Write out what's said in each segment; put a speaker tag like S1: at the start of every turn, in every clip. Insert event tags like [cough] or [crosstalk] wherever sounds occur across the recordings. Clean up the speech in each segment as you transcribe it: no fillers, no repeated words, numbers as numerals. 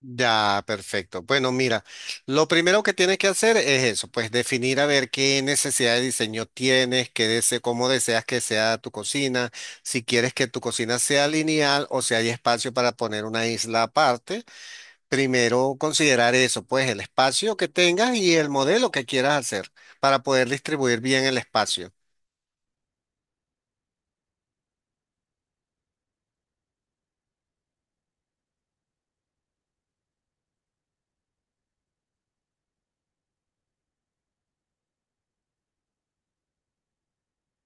S1: Ya, perfecto. Bueno, mira, lo primero que tienes que hacer es eso, pues definir a ver qué necesidad de diseño tienes, qué dese- cómo deseas que sea tu cocina, si quieres que tu cocina sea lineal o si hay espacio para poner una isla aparte. Primero considerar eso, pues el espacio que tengas y el modelo que quieras hacer para poder distribuir bien el espacio.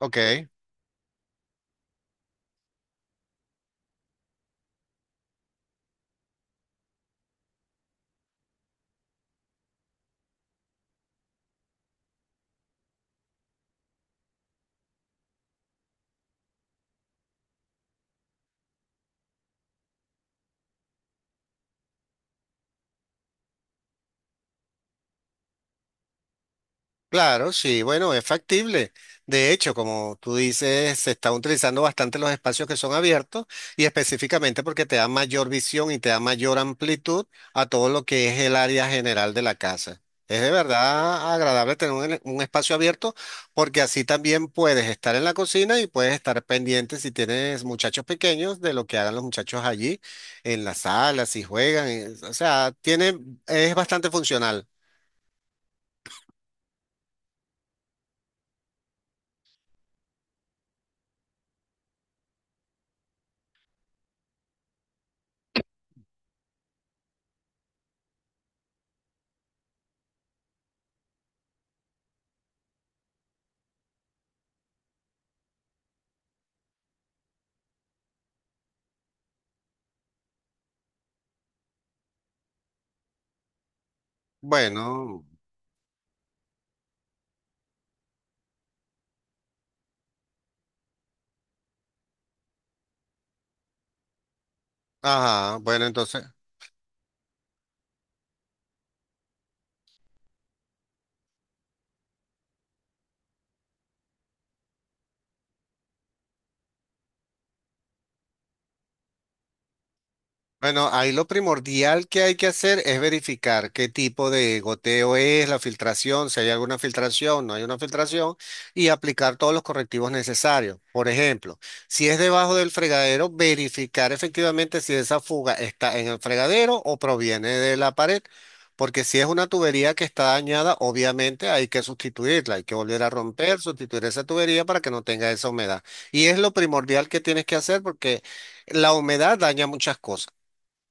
S1: Ok. Claro, sí, bueno, es factible. De hecho, como tú dices, se están utilizando bastante los espacios que son abiertos y específicamente porque te da mayor visión y te da mayor amplitud a todo lo que es el área general de la casa. Es de verdad agradable tener un, ele- un espacio abierto porque así también puedes estar en la cocina y puedes estar pendiente si tienes muchachos pequeños de lo que hagan los muchachos allí en la sala, si juegan. O sea, tiene, es bastante funcional. Bueno. Ajá, bueno, entonces, bueno, ahí lo primordial que hay que hacer es verificar qué tipo de goteo es, la filtración, si hay alguna filtración, no hay una filtración, y aplicar todos los correctivos necesarios. Por ejemplo, si es debajo del fregadero, verificar efectivamente si esa fuga está en el fregadero o proviene de la pared, porque si es una tubería que está dañada, obviamente hay que sustituirla, hay que volver a romper, sustituir esa tubería para que no tenga esa humedad. Y es lo primordial que tienes que hacer porque la humedad daña muchas cosas.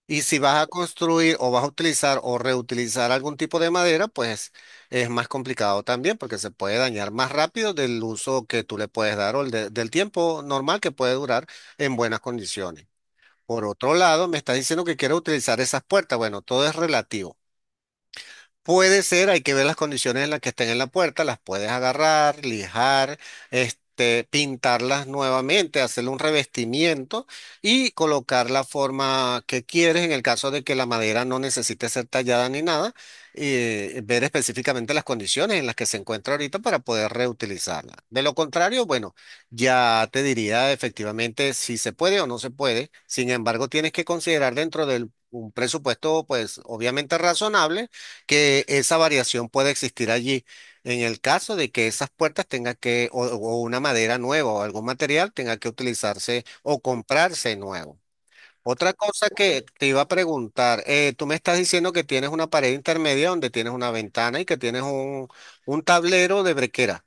S1: Y si vas a construir o vas a utilizar o reutilizar algún tipo de madera, pues es más complicado también porque se puede dañar más rápido del uso que tú le puedes dar o el del tiempo normal que puede durar en buenas condiciones. Por otro lado, me estás diciendo que quieres utilizar esas puertas. Bueno, todo es relativo. Puede ser, hay que ver las condiciones en las que estén en la puerta, las puedes agarrar, lijar, pintarlas nuevamente, hacerle un revestimiento y colocar la forma que quieres en el caso de que la madera no necesite ser tallada ni nada, ver específicamente las condiciones en las que se encuentra ahorita para poder reutilizarla. De lo contrario, bueno, ya te diría efectivamente si se puede o no se puede. Sin embargo, tienes que considerar dentro de un presupuesto, pues obviamente razonable que esa variación puede existir allí. En el caso de que esas puertas tengan que, o una madera nueva o algún material tenga que utilizarse o comprarse nuevo. Otra cosa que te iba a preguntar, tú me estás diciendo que tienes una pared intermedia donde tienes una ventana y que tienes un tablero de brequera.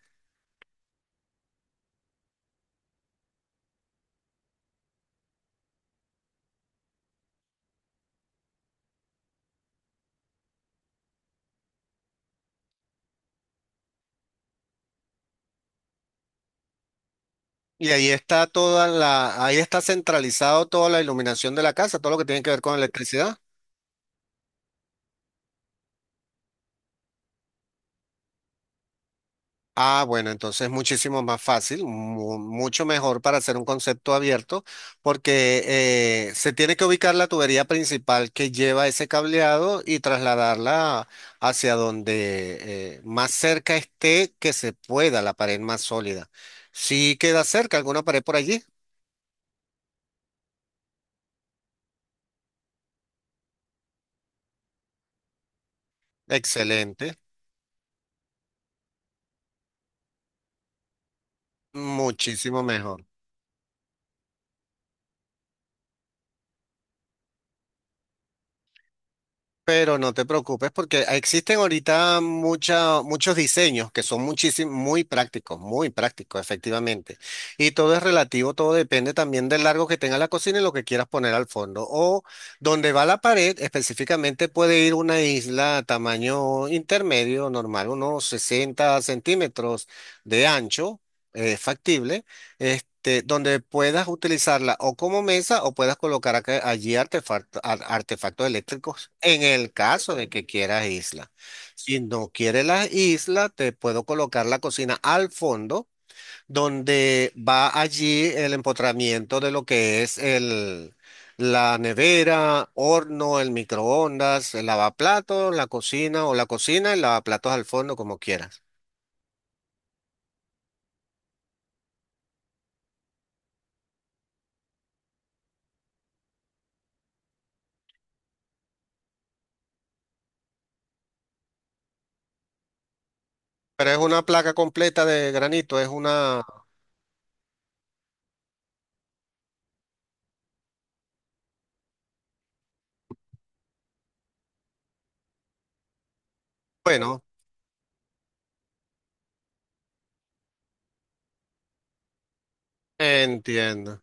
S1: Y ahí está toda la, ahí está centralizado toda la iluminación de la casa, todo lo que tiene que ver con electricidad. Ah, bueno, entonces muchísimo más fácil, mucho mejor para hacer un concepto abierto, porque se tiene que ubicar la tubería principal que lleva ese cableado y trasladarla hacia donde más cerca esté que se pueda, la pared más sólida. Si queda cerca alguna pared por allí, excelente, muchísimo mejor. Pero no te preocupes porque existen ahorita muchos diseños que son muchísimo, muy prácticos, efectivamente. Y todo es relativo, todo depende también del largo que tenga la cocina y lo que quieras poner al fondo. O donde va la pared, específicamente puede ir una isla tamaño intermedio, normal, unos 60 centímetros de ancho, factible, donde puedas utilizarla o como mesa o puedas colocar allí artefactos eléctricos en el caso de que quieras isla. Si no quieres la isla, te puedo colocar la cocina al fondo, donde va allí el empotramiento de lo que es el, la nevera, horno, el microondas, el lavaplatos, la cocina o la cocina, el lavaplatos al fondo, como quieras. Pero es una placa completa de granito, es una... Bueno, entiendo.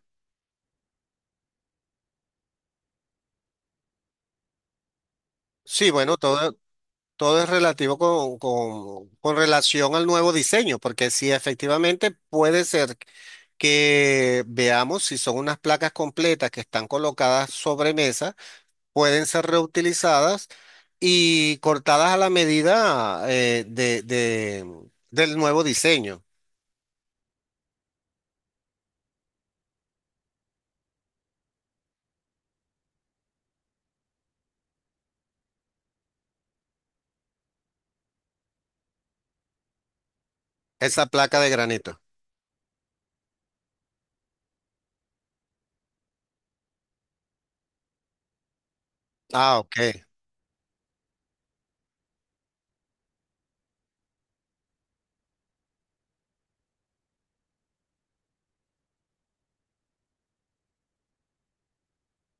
S1: Sí, bueno, todo, todo es relativo con, con relación al nuevo diseño, porque si efectivamente puede ser que veamos si son unas placas completas que están colocadas sobre mesa, pueden ser reutilizadas y cortadas a la medida del nuevo diseño, esa placa de granito. Ah, ok.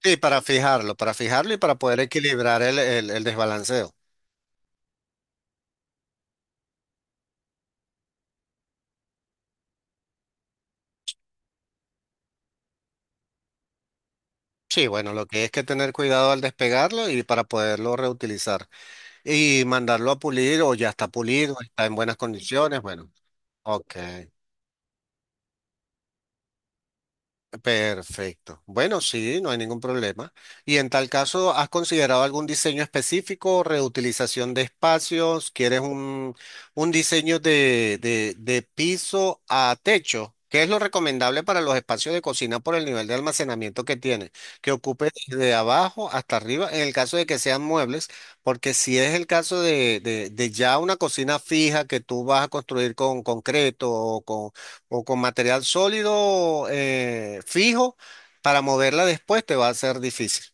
S1: Sí, para fijarlo y para poder equilibrar el, el desbalanceo. Sí, bueno, lo que es que tener cuidado al despegarlo y para poderlo reutilizar. Y mandarlo a pulir o ya está pulido, está en buenas condiciones. Bueno, ok. Perfecto. Bueno, sí, no hay ningún problema. Y en tal caso, ¿has considerado algún diseño específico, reutilización de espacios? ¿Quieres un diseño de piso a techo? ¿Qué es lo recomendable para los espacios de cocina por el nivel de almacenamiento que tiene? Que ocupe desde abajo hasta arriba, en el caso de que sean muebles, porque si es el caso de ya una cocina fija que tú vas a construir con concreto o con material sólido fijo para moverla después te va a ser difícil.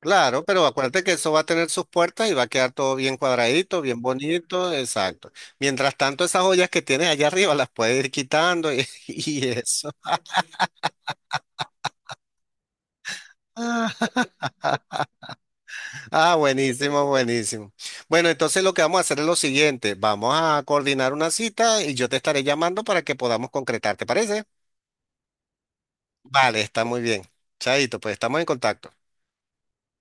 S1: Claro, pero acuérdate que eso va a tener sus puertas y va a quedar todo bien cuadradito, bien bonito, exacto. Mientras tanto, esas ollas que tienes allá arriba las puedes ir quitando y, [laughs] y eso. Ah, ah, buenísimo, buenísimo. Bueno, entonces lo que vamos a hacer es lo siguiente, vamos a coordinar una cita y yo te estaré llamando para que podamos concretar, ¿te parece? Vale, está muy bien. Chaito, pues estamos en contacto.